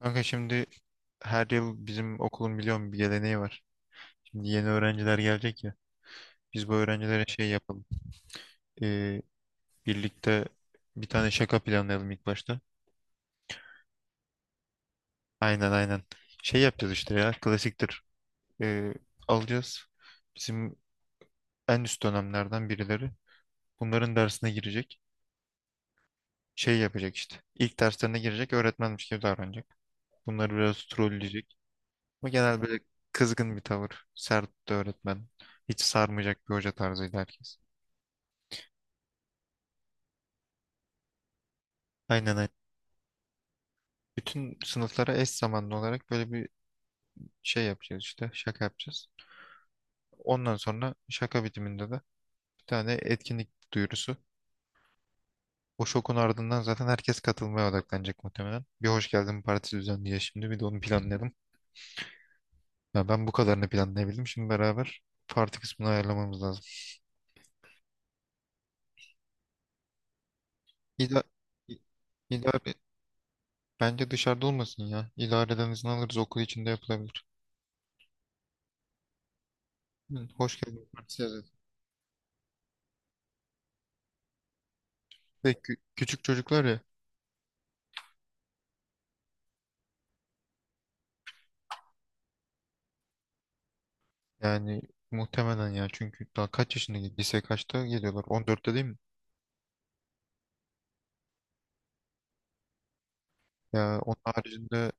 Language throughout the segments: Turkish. Kanka şimdi her yıl bizim okulun biliyorum bir geleneği var. Şimdi yeni öğrenciler gelecek ya. Biz bu öğrencilere şey yapalım. Ee, Birlikte bir tane şaka planlayalım ilk başta. Aynen aynen. Şey yapacağız işte ya klasiktir. Ee, Alacağız. Bizim en üst dönemlerden birileri. Bunların dersine girecek. Şey yapacak işte. İlk derslerine girecek öğretmenmiş gibi davranacak. Bunları biraz trolleyecek. Ama genel böyle kızgın bir tavır. Sert de öğretmen. Hiç sarmayacak bir hoca tarzıydı herkes. Aynen aynen. Bütün sınıflara eş zamanlı olarak böyle bir şey yapacağız işte. Şaka yapacağız. Ondan sonra şaka bitiminde de bir tane etkinlik duyurusu. O şokun ardından zaten herkes katılmaya odaklanacak muhtemelen. Bir hoş geldin partisi düzenliyor şimdi. Bir de onu planlayalım. Ya ben bu kadarını planlayabildim. Şimdi beraber parti kısmını ayarlamamız lazım. İda İ- İdare, bence dışarıda olmasın ya. İdareden izin alırız okul içinde yapılabilir. Hı, hoş geldin partisi yazarız. Ve küçük çocuklar ya. Yani muhtemelen ya çünkü daha kaç yaşında lise kaçta geliyorlar? 14'te değil mi? Ya onun haricinde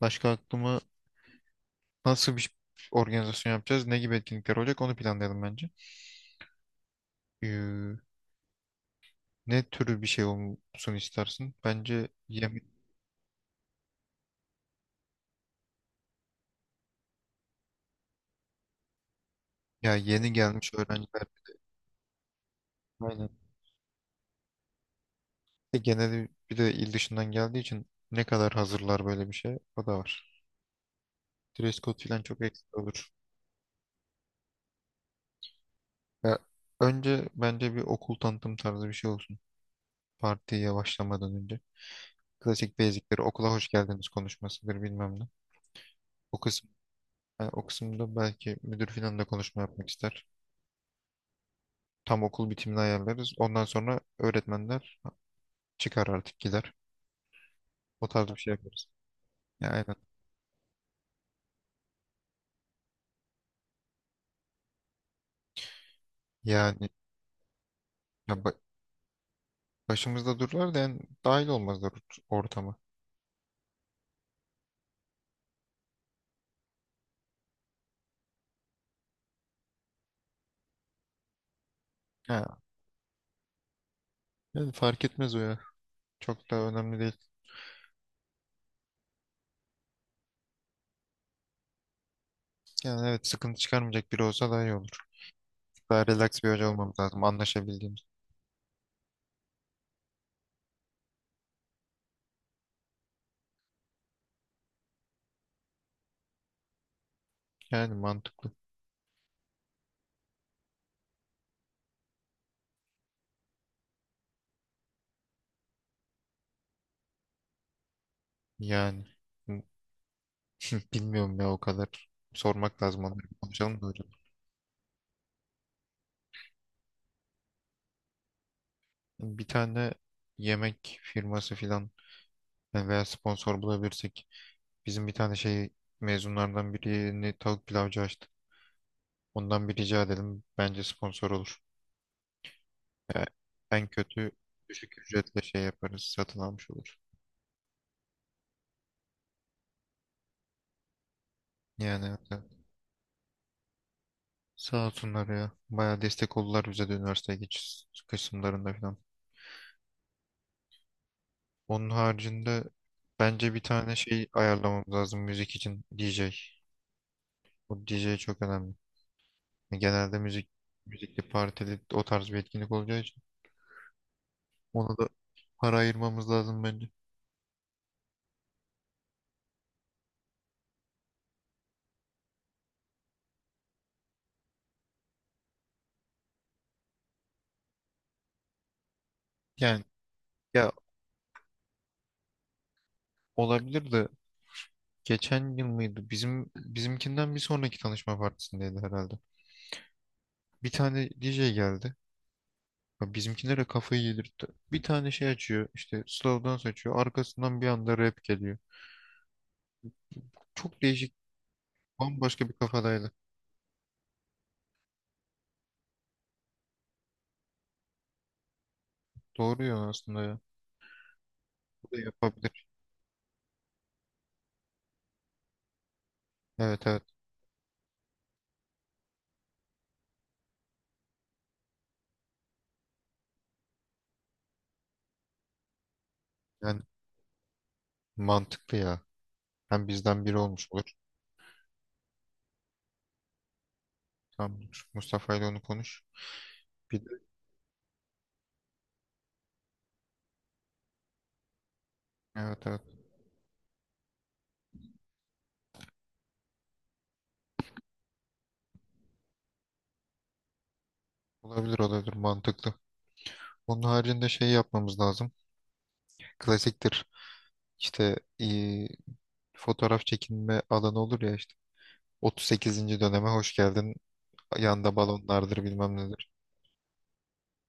başka aklıma nasıl bir organizasyon yapacağız? Ne gibi etkinlikler olacak? Onu planlayalım bence. Ee, Ne türü bir şey olsun istersin? Bence yeni, ya yeni gelmiş öğrenciler. Aynen. Genelde bir de il dışından geldiği için ne kadar hazırlar böyle bir şey? O da var. Dress code falan çok eksik olur. Ya önce bence bir okul tanıtım tarzı bir şey olsun. Partiye başlamadan önce. Klasik basicleri okula hoş geldiniz konuşmasıdır bilmem ne. O kısım, o kısımda belki müdür filan da konuşma yapmak ister. Tam okul bitimini ayarlarız. Ondan sonra öğretmenler çıkar artık gider. O tarz bir şey yaparız. Ya aynen. Yani ya başımızda dururlar da yani dahil olmazlar ortama. Ha, yani fark etmez o ya. Çok da önemli değil. Yani evet sıkıntı çıkarmayacak biri olsa daha iyi olur. Daha relax bir hoca olmamız lazım anlaşabildiğimiz. Yani mantıklı. Yani. Bilmiyorum ya o kadar. Sormak lazım onları konuşalım da öyle. Bir tane yemek firması filan yani veya sponsor bulabilirsek bizim bir tane şey mezunlardan birini tavuk pilavcı açtı. Ondan bir rica edelim. Bence sponsor olur. En kötü düşük ücretle şey yaparız. Satın almış olur. Yani evet. Sağ olsunlar ya. Bayağı destek oldular bize de üniversiteye geçiş kısımlarında falan. Onun haricinde bence bir tane şey ayarlamamız lazım müzik için DJ. Bu DJ çok önemli. Genelde müzik, müzikli partili o tarz bir etkinlik olacağı için ona da para ayırmamız lazım bence. Yani ya olabilir de geçen yıl mıydı? Bizim bizimkinden bir sonraki tanışma partisindeydi herhalde. Bir tane DJ geldi. Ya bizimkilere kafayı yedirtti. Bir tane şey açıyor, işte slow dance açıyor. Arkasından bir anda rap geliyor. Çok değişik, bambaşka bir kafadaydı. Doğru ya aslında ya. Bu da yapabilir. Evet evet. Yani mantıklı ya. Hem bizden biri olmuş olur. Tamam. Mustafa ile onu konuş. Bir de, evet evet. Olabilir olabilir mantıklı. Onun haricinde şey yapmamız lazım. Klasiktir. İşte e, fotoğraf çekinme alanı olur ya işte. 38. döneme hoş geldin. Yanda balonlardır bilmem nedir.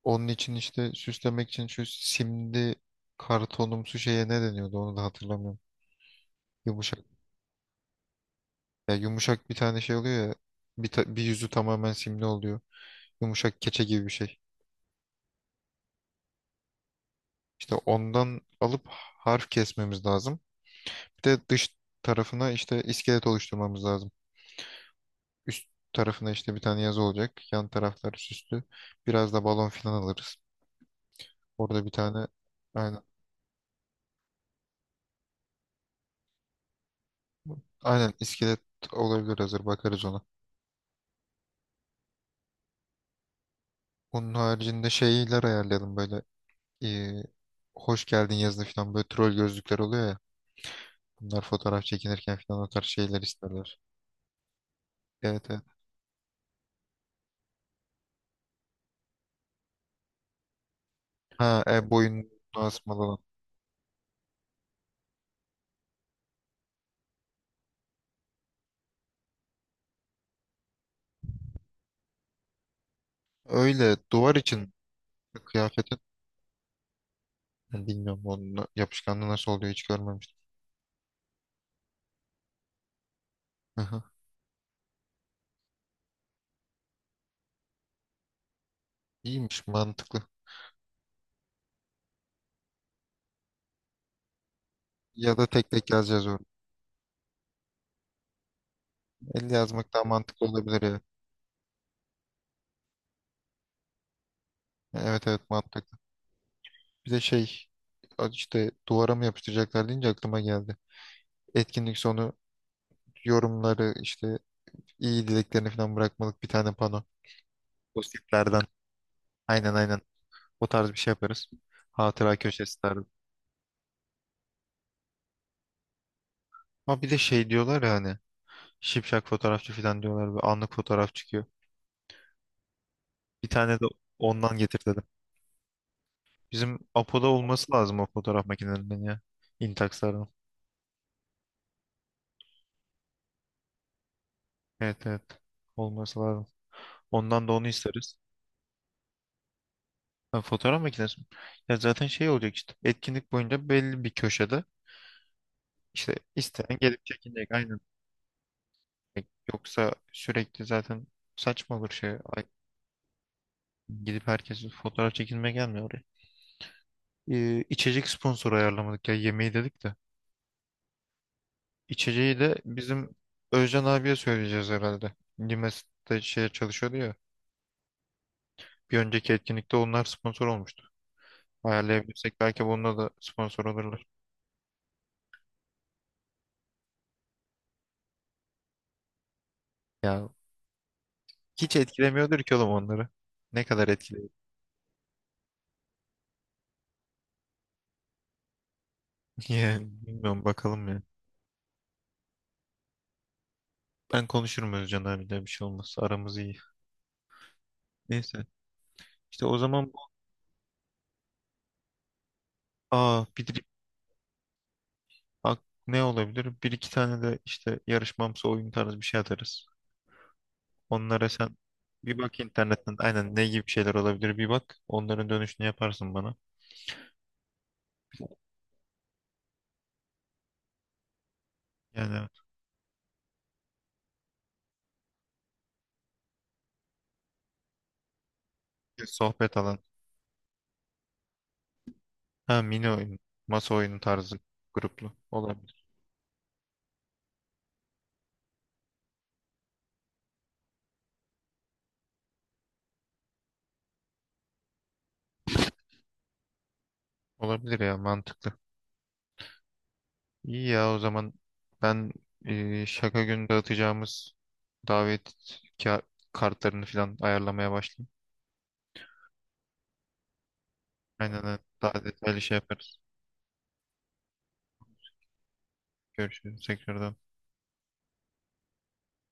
Onun için işte süslemek için şu simli kartonumsu şeye ne deniyordu onu da hatırlamıyorum. Yumuşak. Ya yumuşak bir tane şey oluyor ya. Bir yüzü tamamen simli oluyor. Yumuşak keçe gibi bir şey. İşte ondan alıp harf kesmemiz lazım. Bir de dış tarafına işte iskelet oluşturmamız lazım. Üst tarafına işte bir tane yazı olacak. Yan taraflar süslü. Biraz da balon filan alırız. Orada bir tane aynen, aynen iskelet olabilir hazır bakarız ona. Onun haricinde şeyler ayarlayalım böyle eee, hoş geldin yazılı falan böyle troll gözlükler oluyor ya. Bunlar fotoğraf çekinirken falan o tarz şeyler isterler. Evet evet. Ha, boyun asmalı olan. Öyle duvar için kıyafetin. Yani bilmiyorum onun yapışkanlığı nasıl oluyor hiç görmemiştim. Aha, iyiymiş mantıklı. Ya da tek tek yazacağız orada. Elle yazmak daha mantıklı olabilir ya. Evet evet mantıklı. Bir de şey işte duvara mı yapıştıracaklar deyince aklıma geldi. Etkinlik sonu yorumları işte iyi dileklerini falan bırakmalık bir tane pano. Postitlerden. Aynen aynen. O tarz bir şey yaparız. Hatıra köşesi tarzı. Ama bir de şey diyorlar ya hani şipşak fotoğrafçı falan diyorlar ve anlık fotoğraf çıkıyor. Bir tane de ondan getir dedim. Bizim Apo'da olması lazım o fotoğraf makinelerinden ya. Intax'ların. Evet evet. Olması lazım. Ondan da onu isteriz. Ha, fotoğraf makinesi mi? Ya zaten şey olacak işte. Etkinlik boyunca belli bir köşede işte isteyen gelip çekinecek. Aynen. Yoksa sürekli zaten saçma olur şey. Ay, gidip herkes fotoğraf çekinmeye gelmiyor oraya. İçecek sponsoru ayarlamadık ya. Yemeği dedik de. İçeceği de bizim Özcan abiye söyleyeceğiz herhalde. Limes'te şeye çalışıyordu ya. Bir önceki etkinlikte onlar sponsor olmuştu. Ayarlayabilirsek belki bununla da sponsor olurlar. Ya hiç etkilemiyordur ki oğlum onları. Ne kadar etkiliyor? Yani bilmiyorum bakalım ya. Ben konuşurum Özcan abiyle bir şey olmaz. Aramız iyi. Neyse. İşte o zaman bu aa bir de- ak- ne olabilir? Bir iki tane de işte yarışmamsı oyun tarzı bir şey atarız. Onlara sen bir bak internetten aynen ne gibi şeyler olabilir bir bak. Onların dönüşünü yaparsın bana. Yani bir sohbet alanı. Ha mini oyun. Masa oyunu tarzı gruplu. Olabilir. Olabilir ya mantıklı. İyi ya o zaman ben şaka günü dağıtacağımız davet ka- kartlarını falan ayarlamaya başlayayım. Aynen öyle. Daha detaylı şey yaparız. Görüşürüz tekrardan.